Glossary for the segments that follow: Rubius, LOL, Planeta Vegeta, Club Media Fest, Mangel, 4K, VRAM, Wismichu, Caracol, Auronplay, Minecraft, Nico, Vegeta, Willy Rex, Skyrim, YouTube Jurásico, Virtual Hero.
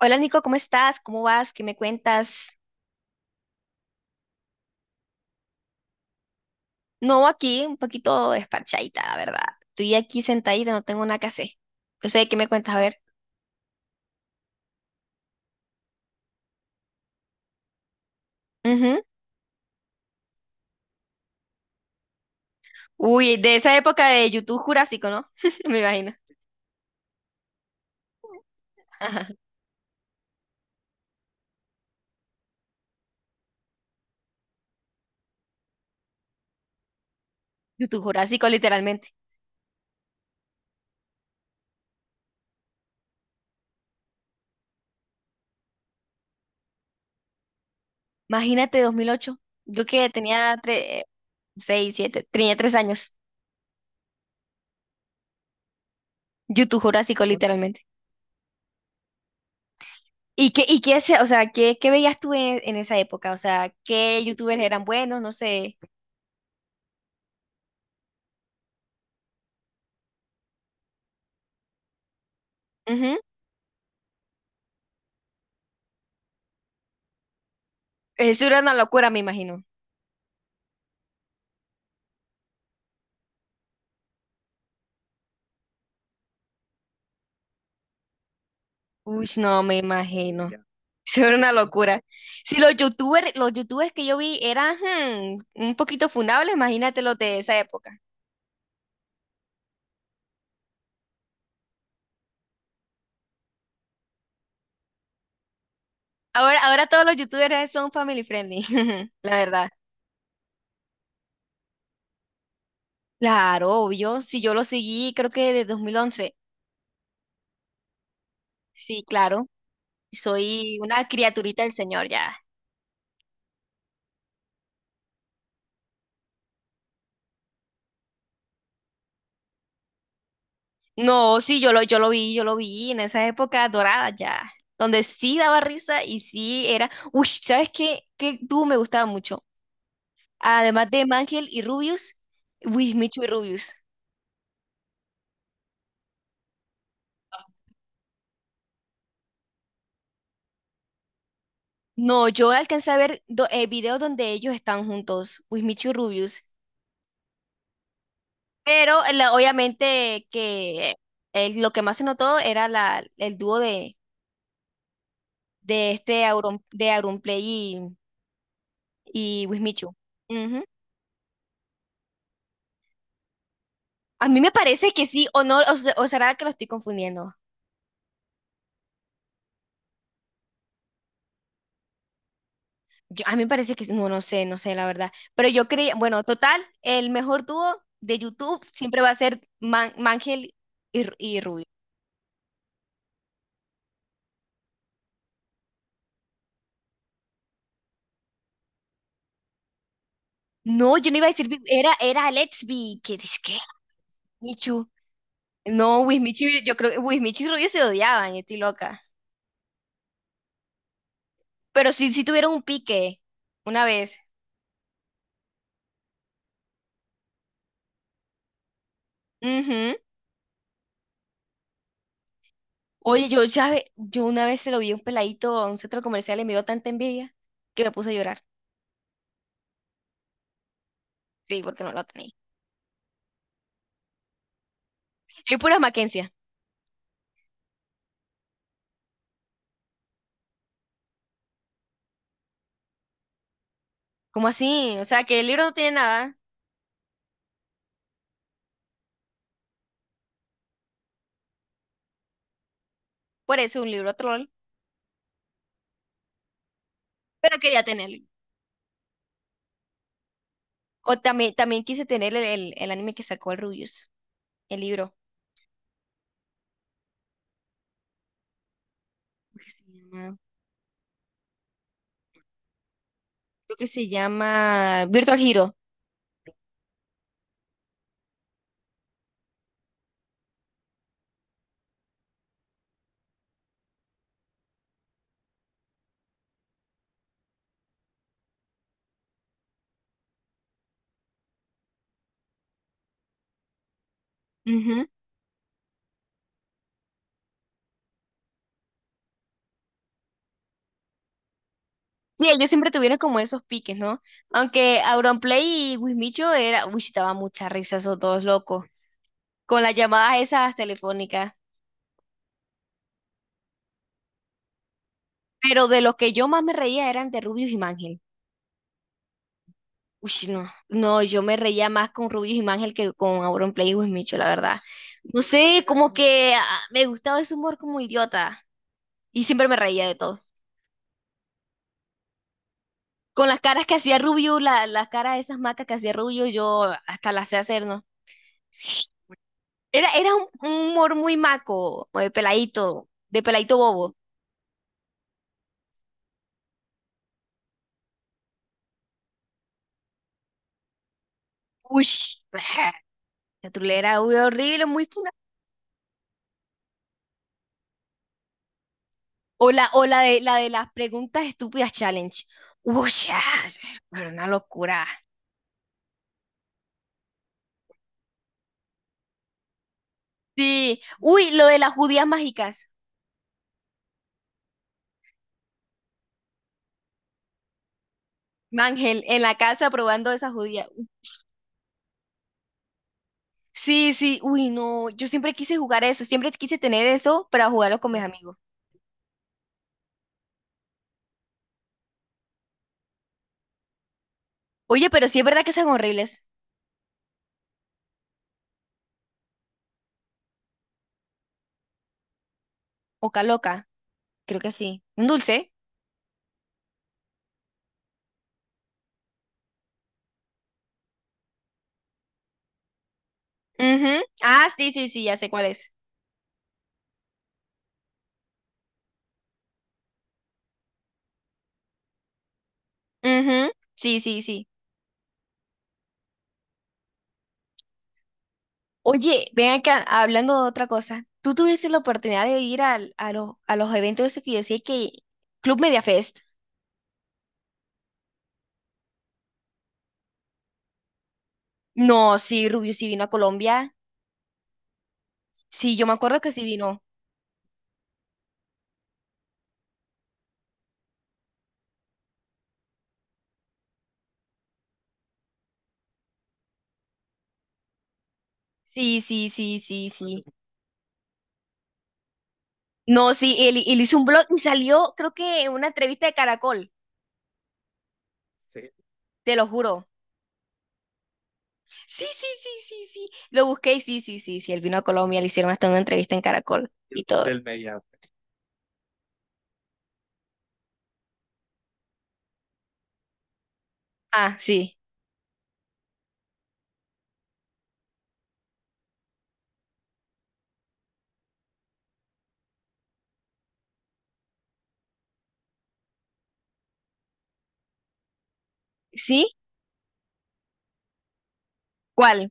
Hola Nico, ¿cómo estás? ¿Cómo vas? ¿Qué me cuentas? No, aquí un poquito desparchadita, la verdad. Estoy aquí sentadita, no tengo nada que hacer. No sé, ¿qué me cuentas? A ver. Ujú. Uy, de esa época de YouTube Jurásico, ¿no? Me imagino. YouTube Jurásico, literalmente. Imagínate 2008. Yo que tenía 3, 6, 7, tenía 3 años. YouTube Jurásico, literalmente. ¿Y qué, o sea, qué veías tú en esa época? O sea, ¿qué YouTubers eran buenos? No sé. Ujú. Eso era una locura, me imagino. Uy, no, me imagino. Ya. Eso era una locura. Si los youtubers que yo vi eran un poquito funables, imagínate los de esa época. Ahora todos los youtubers son family friendly, la verdad. Claro, obvio. Si yo lo seguí, creo que desde 2011. Sí, claro. Soy una criaturita del señor ya. No, sí, yo lo vi en esa época dorada ya. Donde sí daba risa y sí era. Uy, ¿sabes qué? ¿Qué tú me gustaba mucho? Además de Mangel y Rubius, Wismichu y Rubius. No, yo alcancé a ver videos donde ellos están juntos, Wismichu y Rubius. Pero obviamente que lo que más se notó era el dúo de este Auron, de Auronplay y Wismichu. Ujú. A mí me parece que sí, o no, o será que lo estoy confundiendo. A mí me parece no, no sé la verdad. Pero yo creía, bueno, total, el mejor dúo de YouTube siempre va a ser Mangel y Rubio. No, yo no iba a decir, era Let's Be, que es que Michu. No, Wismichu, yo creo que Wismichu y Rubio se odiaban, yo estoy loca. Pero sí, sí tuvieron un pique una vez. Ujú. Oye, yo una vez se lo vi a un peladito a un centro comercial y me dio tanta envidia que me puse a llorar. Sí, porque no lo tenía. Y puras Mackenzie. ¿Cómo así? O sea, que el libro no tiene nada. Por eso un libro troll, pero quería tenerlo. O también quise tener el anime que sacó el Rubius, el libro, creo que se llama, creo que se llama Virtual Hero. Ujú. Y ellos siempre tuvieron como esos piques, ¿no? Aunque Auronplay y Wismicho era, uy, sí, daba mucha risa esos dos locos, con las llamadas esas telefónicas. Pero de los que yo más me reía eran de Rubius y Mangel. Uy, sí, no, no, yo me reía más con Rubius y Mangel que con Auron Play y Wismicho, la verdad. No sé, como que me gustaba ese humor como idiota y siempre me reía de todo. Con las caras que hacía Rubius, las caras de esas macas que hacía Rubius, yo hasta las sé hacer, ¿no? Era un humor muy maco, o de peladito bobo. Uy, la trulera, uy, horrible, muy funa. O la de las preguntas estúpidas challenge. Uy, era una locura. Sí, uy, lo de las judías mágicas. Ángel, en la casa probando esa judía. Sí, sí, uy, no, yo siempre quise jugar eso, siempre quise tener eso para jugarlo con mis amigos. Oye, pero sí es verdad que son horribles. Oca loca, creo que sí. Un dulce. Ujú. Ah, sí, sí, sí, ya sé cuál es. Ujú. Sí, sí, sí. Oye, ven acá, hablando de otra cosa. ¿Tú tuviste la oportunidad de ir a los eventos esos que yo decía que Club Media Fest? No, sí, Rubio sí vino a Colombia. Sí, yo me acuerdo que sí vino. Sí, sí, sí, sí, sí. No, sí, él hizo un blog y salió, creo que en una entrevista de Caracol, te lo juro. Sí, sí, sí, sí, sí. Lo busqué y sí, sí, sí, sí. Él vino a Colombia, le hicieron hasta una entrevista en Caracol y todo. Ah, sí. ¿Sí? ¿Cuál?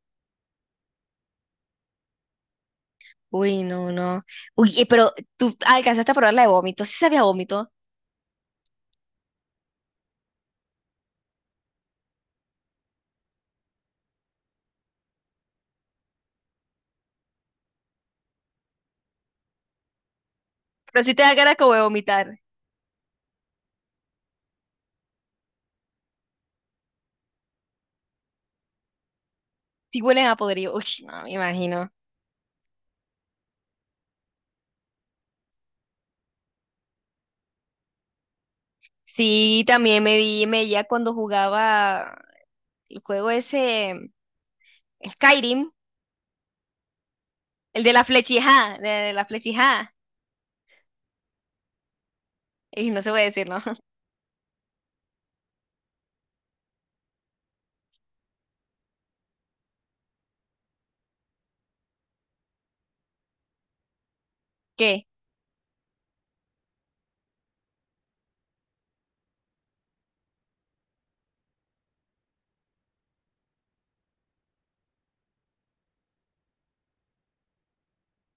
Uy, no, no. Uy, pero tú alcanzaste a probar la de vómito. Sí sabía vómito. Pero sí te da cara como de vomitar. Sí hueles a podrido. Uy, no, me imagino. Sí, también me veía cuando jugaba el juego ese Skyrim. El de la flechija, de la flechija. Y no se puede decir, ¿no? ¿Qué?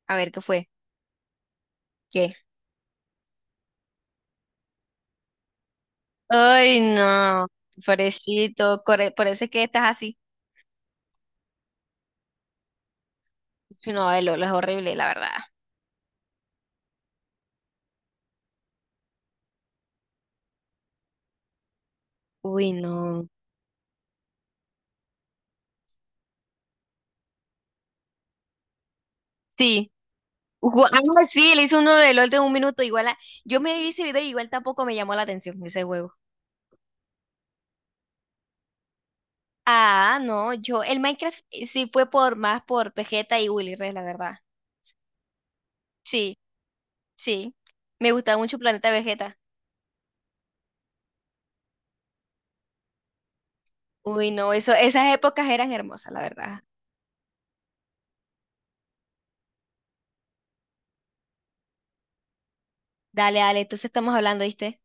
A ver, ¿qué fue? ¿Qué? Ay, no, pobrecito, por eso es que estás así. No, el LOL es horrible, la verdad. Uy, no. Sí. No, sí, le hice uno de LOL de un minuto, igual yo me vi ese video y igual tampoco me llamó la atención ese juego. Ah, no, el Minecraft sí fue por más por Vegeta y Willy Rex, la verdad. Sí, sí. Me gustaba mucho Planeta Vegeta. Uy, no, esas épocas eran hermosas, la verdad. Dale, dale, entonces estamos hablando, ¿viste?